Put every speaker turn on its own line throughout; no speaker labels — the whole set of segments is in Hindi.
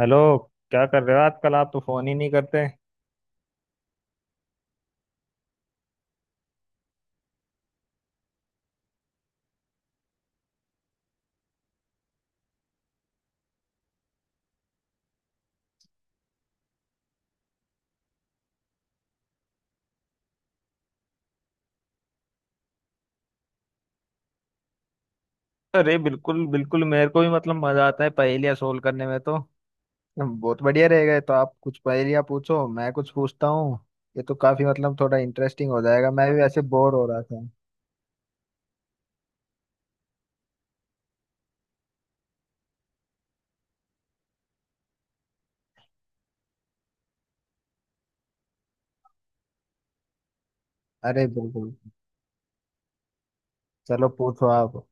हेलो। क्या कर रहे हो आजकल? आप तो फोन ही नहीं करते। अरे बिल्कुल बिल्कुल, मेरे को भी मतलब मजा आता है पहेलियां सोल्व करने में, तो बहुत बढ़िया रहेगा। तो आप कुछ पहेलियाँ पूछो, मैं कुछ पूछता हूँ। ये तो काफी मतलब थोड़ा इंटरेस्टिंग हो जाएगा, मैं भी वैसे बोर हो रहा था। अरे बिल्कुल, चलो पूछो आप।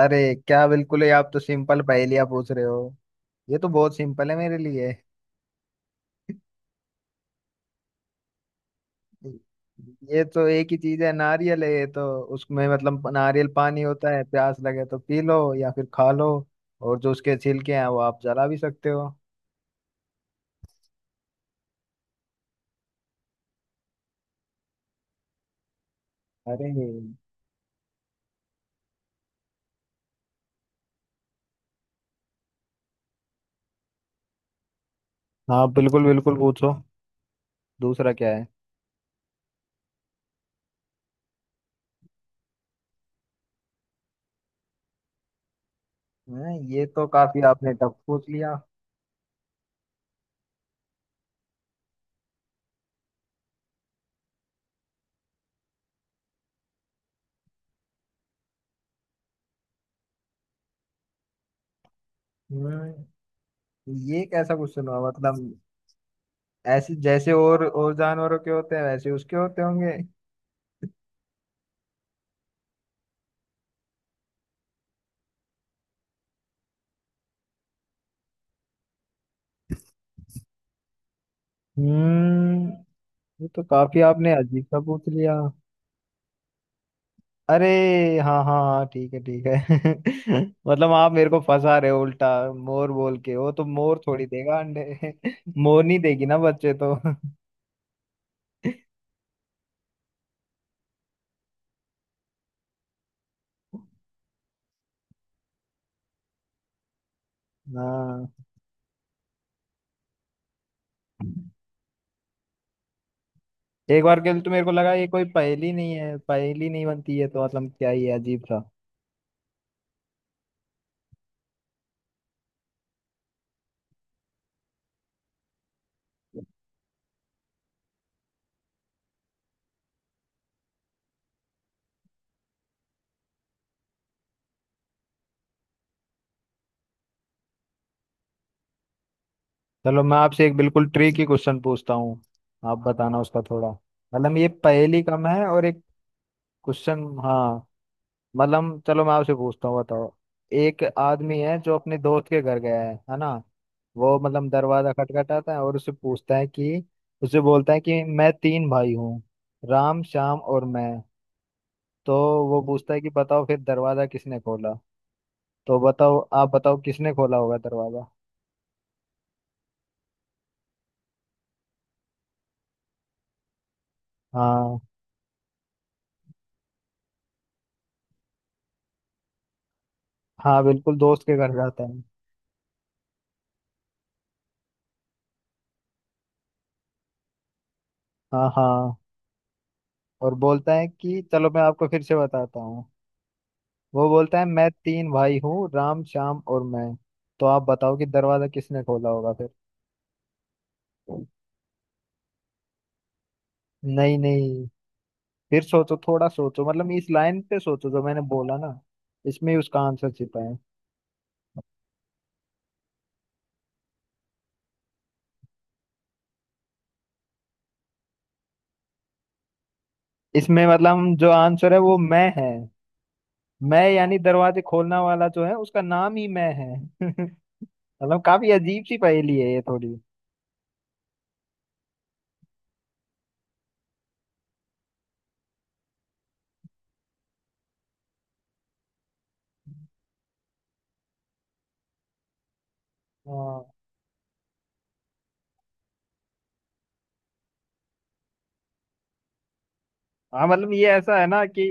अरे क्या, बिल्कुल ही आप तो सिंपल पहेलियाँ पूछ रहे हो। ये तो बहुत सिंपल है मेरे लिए। ये तो एक ही चीज है, नारियल है ये तो। उसमें मतलब नारियल पानी होता है, प्यास लगे तो पी लो या फिर खा लो। और जो उसके छिलके हैं वो आप जला भी सकते हो। अरे हाँ बिल्कुल बिल्कुल, पूछो। दूसरा क्या है? हाँ, ये तो काफी आपने टफ पूछ लिया। हम्म, ये कैसा क्वेश्चन हुआ मतलब? ऐसे जैसे और जानवरों के होते हैं वैसे उसके होते होंगे। हम्म, ये तो काफी आपने अजीब सा पूछ लिया। अरे हाँ हाँ हाँ, ठीक है ठीक है। मतलब आप मेरे को फंसा रहे हो उल्टा, मोर बोल के। वो तो मोर थोड़ी देगा अंडे। मोर नहीं देगी ना बच्चे तो। हाँ, एक बार के लिए तो मेरे को लगा ये कोई पहेली नहीं है, पहेली नहीं बनती है, तो मतलब क्या ही है, अजीब था। चलो मैं आपसे एक बिल्कुल ट्रिकी क्वेश्चन पूछता हूँ, आप बताना उसका थोड़ा। मतलब ये पहेली कम है और एक क्वेश्चन, हाँ। मतलब चलो मैं आपसे पूछता हूँ, बताओ। एक आदमी है जो अपने दोस्त के घर गया है ना। वो मतलब दरवाजा खटखटाता है और उससे पूछता है कि, उससे बोलता है कि मैं तीन भाई हूँ, राम श्याम और मैं। तो वो पूछता है कि बताओ फिर दरवाजा किसने खोला। तो बताओ, आप बताओ किसने खोला होगा दरवाजा। हाँ हाँ, बिल्कुल दोस्त के घर जाता है। हाँ हाँ, और बोलता है कि चलो मैं आपको फिर से बताता हूँ। वो बोलता है, मैं तीन भाई हूँ, राम श्याम और मैं। तो आप बताओ कि दरवाजा किसने खोला होगा फिर। नहीं नहीं, फिर सोचो, थोड़ा सोचो, मतलब इस लाइन पे सोचो जो मैंने बोला ना, इसमें ही उसका आंसर छिपा है। इसमें मतलब जो आंसर है वो मैं है। मैं, यानी दरवाजे खोलने वाला जो है उसका नाम ही मैं है। मतलब काफी अजीब सी पहेली है ये थोड़ी। हाँ हाँ, मतलब ये ऐसा है ना कि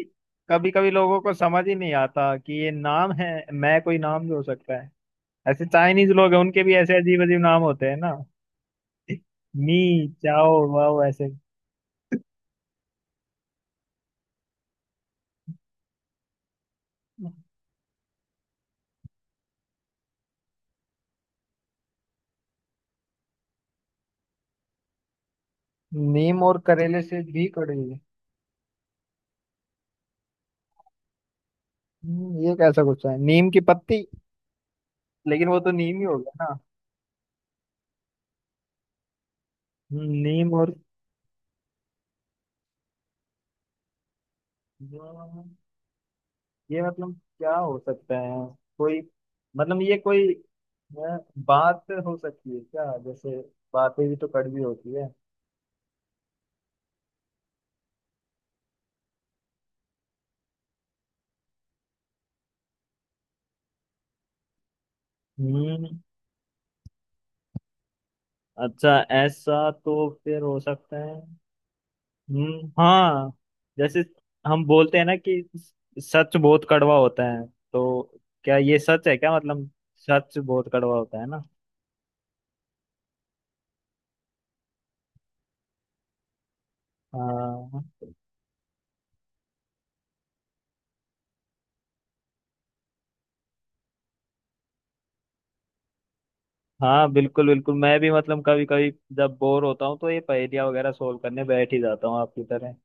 कभी कभी लोगों को समझ ही नहीं आता कि ये नाम है। मैं कोई नाम भी हो सकता है। ऐसे चाइनीज लोग हैं, उनके भी ऐसे अजीब अजीब नाम होते हैं ना, मी चाओ वाओ ऐसे। नीम और करेले से भी कड़वी? ये कैसा गुस्सा है, नीम की पत्ती? लेकिन वो तो नीम ही हो गया ना। नीम और? ये मतलब क्या हो सकता है? कोई मतलब ये कोई बात हो सकती है क्या? जैसे बातें भी तो कड़वी होती है। हम्म, अच्छा, ऐसा तो फिर हो सकता है। हाँ, जैसे हम बोलते हैं ना कि सच बहुत कड़वा होता है। तो क्या ये सच है क्या मतलब, सच बहुत कड़वा होता है ना? हाँ हाँ बिल्कुल बिल्कुल, मैं भी मतलब कभी कभी, जब बोर होता हूँ तो ये पहेलियाँ वगैरह सोल्व करने बैठ ही जाता हूँ आपकी तरह।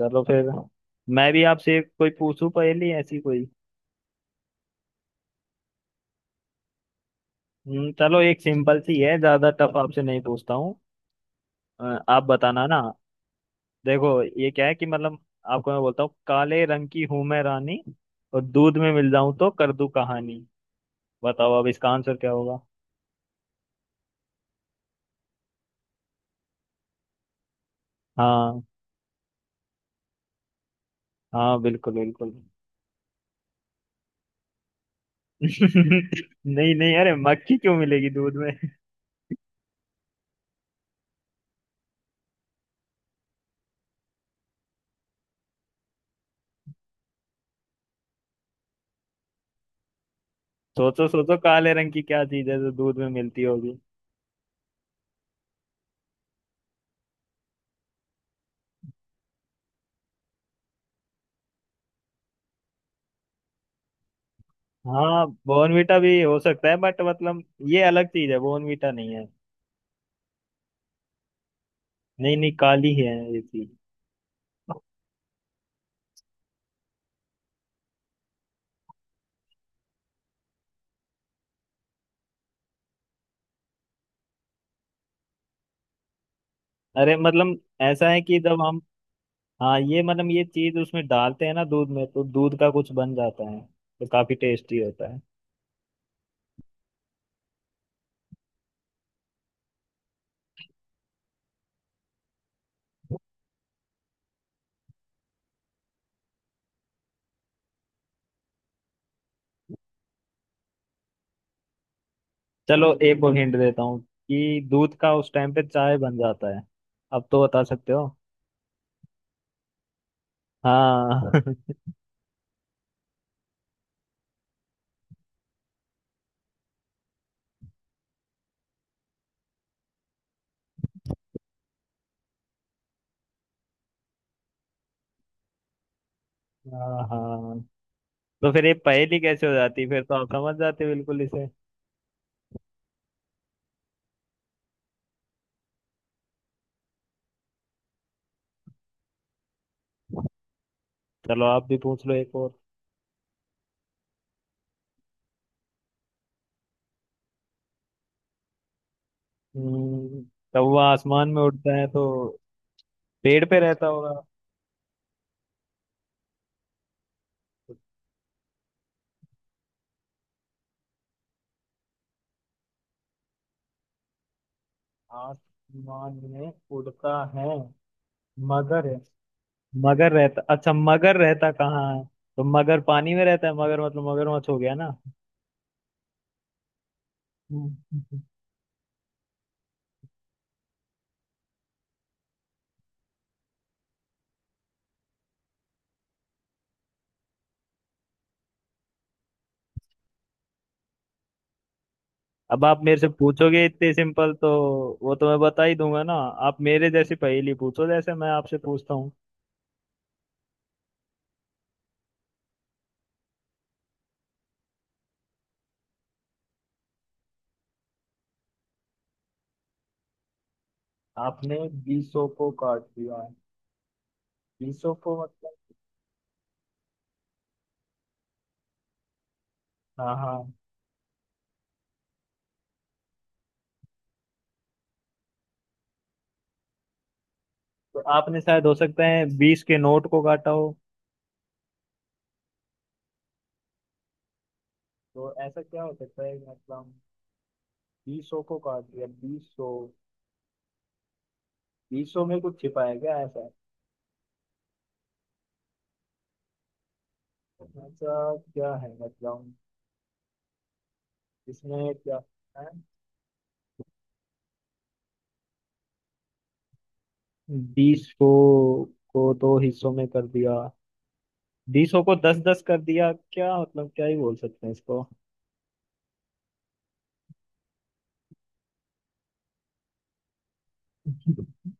चलो फिर, मैं भी आपसे कोई पूछूं पहेली ऐसी कोई। चलो एक सिंपल सी है, ज्यादा टफ आपसे नहीं पूछता हूँ। आप बताना ना। देखो ये क्या है कि मतलब, आपको मैं बोलता हूँ, काले रंग की हूं मैं रानी, और दूध में मिल जाऊं तो कर दूं कहानी। बताओ अब इसका आंसर क्या होगा। हाँ हाँ बिल्कुल बिल्कुल। नहीं नहीं, अरे मक्खी क्यों मिलेगी दूध में? सोचो सोचो, काले रंग की क्या चीज है जो दूध में मिलती होगी? हाँ बॉर्नवीटा भी हो सकता है बट मतलब, ये अलग चीज है, बॉर्नवीटा नहीं है। नहीं नहीं, काली है ये चीज। अरे मतलब ऐसा है कि जब हम, हाँ, ये मतलब ये चीज उसमें डालते हैं ना दूध में, तो दूध का कुछ बन जाता है, तो काफी टेस्टी होता है। चलो एक और हिंट देता हूँ कि दूध का उस टाइम पे चाय बन जाता है। अब तो बता सकते हो। हाँ। हाँ हाँ, तो फिर ये पहेली कैसे हो जाती, फिर तो आप समझ जाते बिल्कुल इसे। चलो आप भी पूछ लो एक और। हम्म, कौवा आसमान में उड़ता है, तो पेड़ पे रहता होगा। तो आसमान में उड़ता है मगर, मगर रहता, अच्छा मगर रहता कहाँ है। तो मगर पानी में रहता है, मगर मतलब मगरमच्छ हो गया ना। हम्म। अब आप मेरे से पूछोगे इतने सिंपल, तो वो तो मैं बता ही दूंगा ना। आप मेरे जैसी पहेली पूछो, जैसे मैं आपसे पूछता हूँ। आपने बीसों को काट दिया है। बीसों को मतलब? हाँ हाँ। तो आपने शायद हो सकता है बीस के नोट को काटा हो। तो ऐसा क्या हो सकता है मतलब? बीसों को काट दिया, बीसों। बीसों में कुछ छिपा है क्या ऐसा? ऐसा क्या है मतलब? इसमें क्या है? बीस को दो हिस्सों में कर दिया? बीसों को दस दस कर दिया क्या? मतलब क्या ही बोल सकते हैं इसको।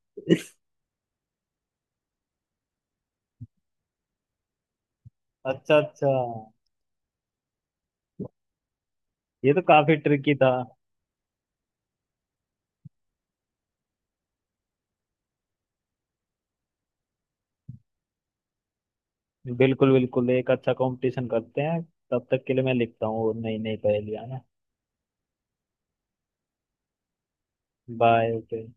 अच्छा अच्छा, ये तो काफी ट्रिकी था। बिल्कुल बिल्कुल, एक अच्छा कंपटीशन करते हैं। तब तक के लिए मैं लिखता हूँ और नई नई पहेलियां ना। बाय।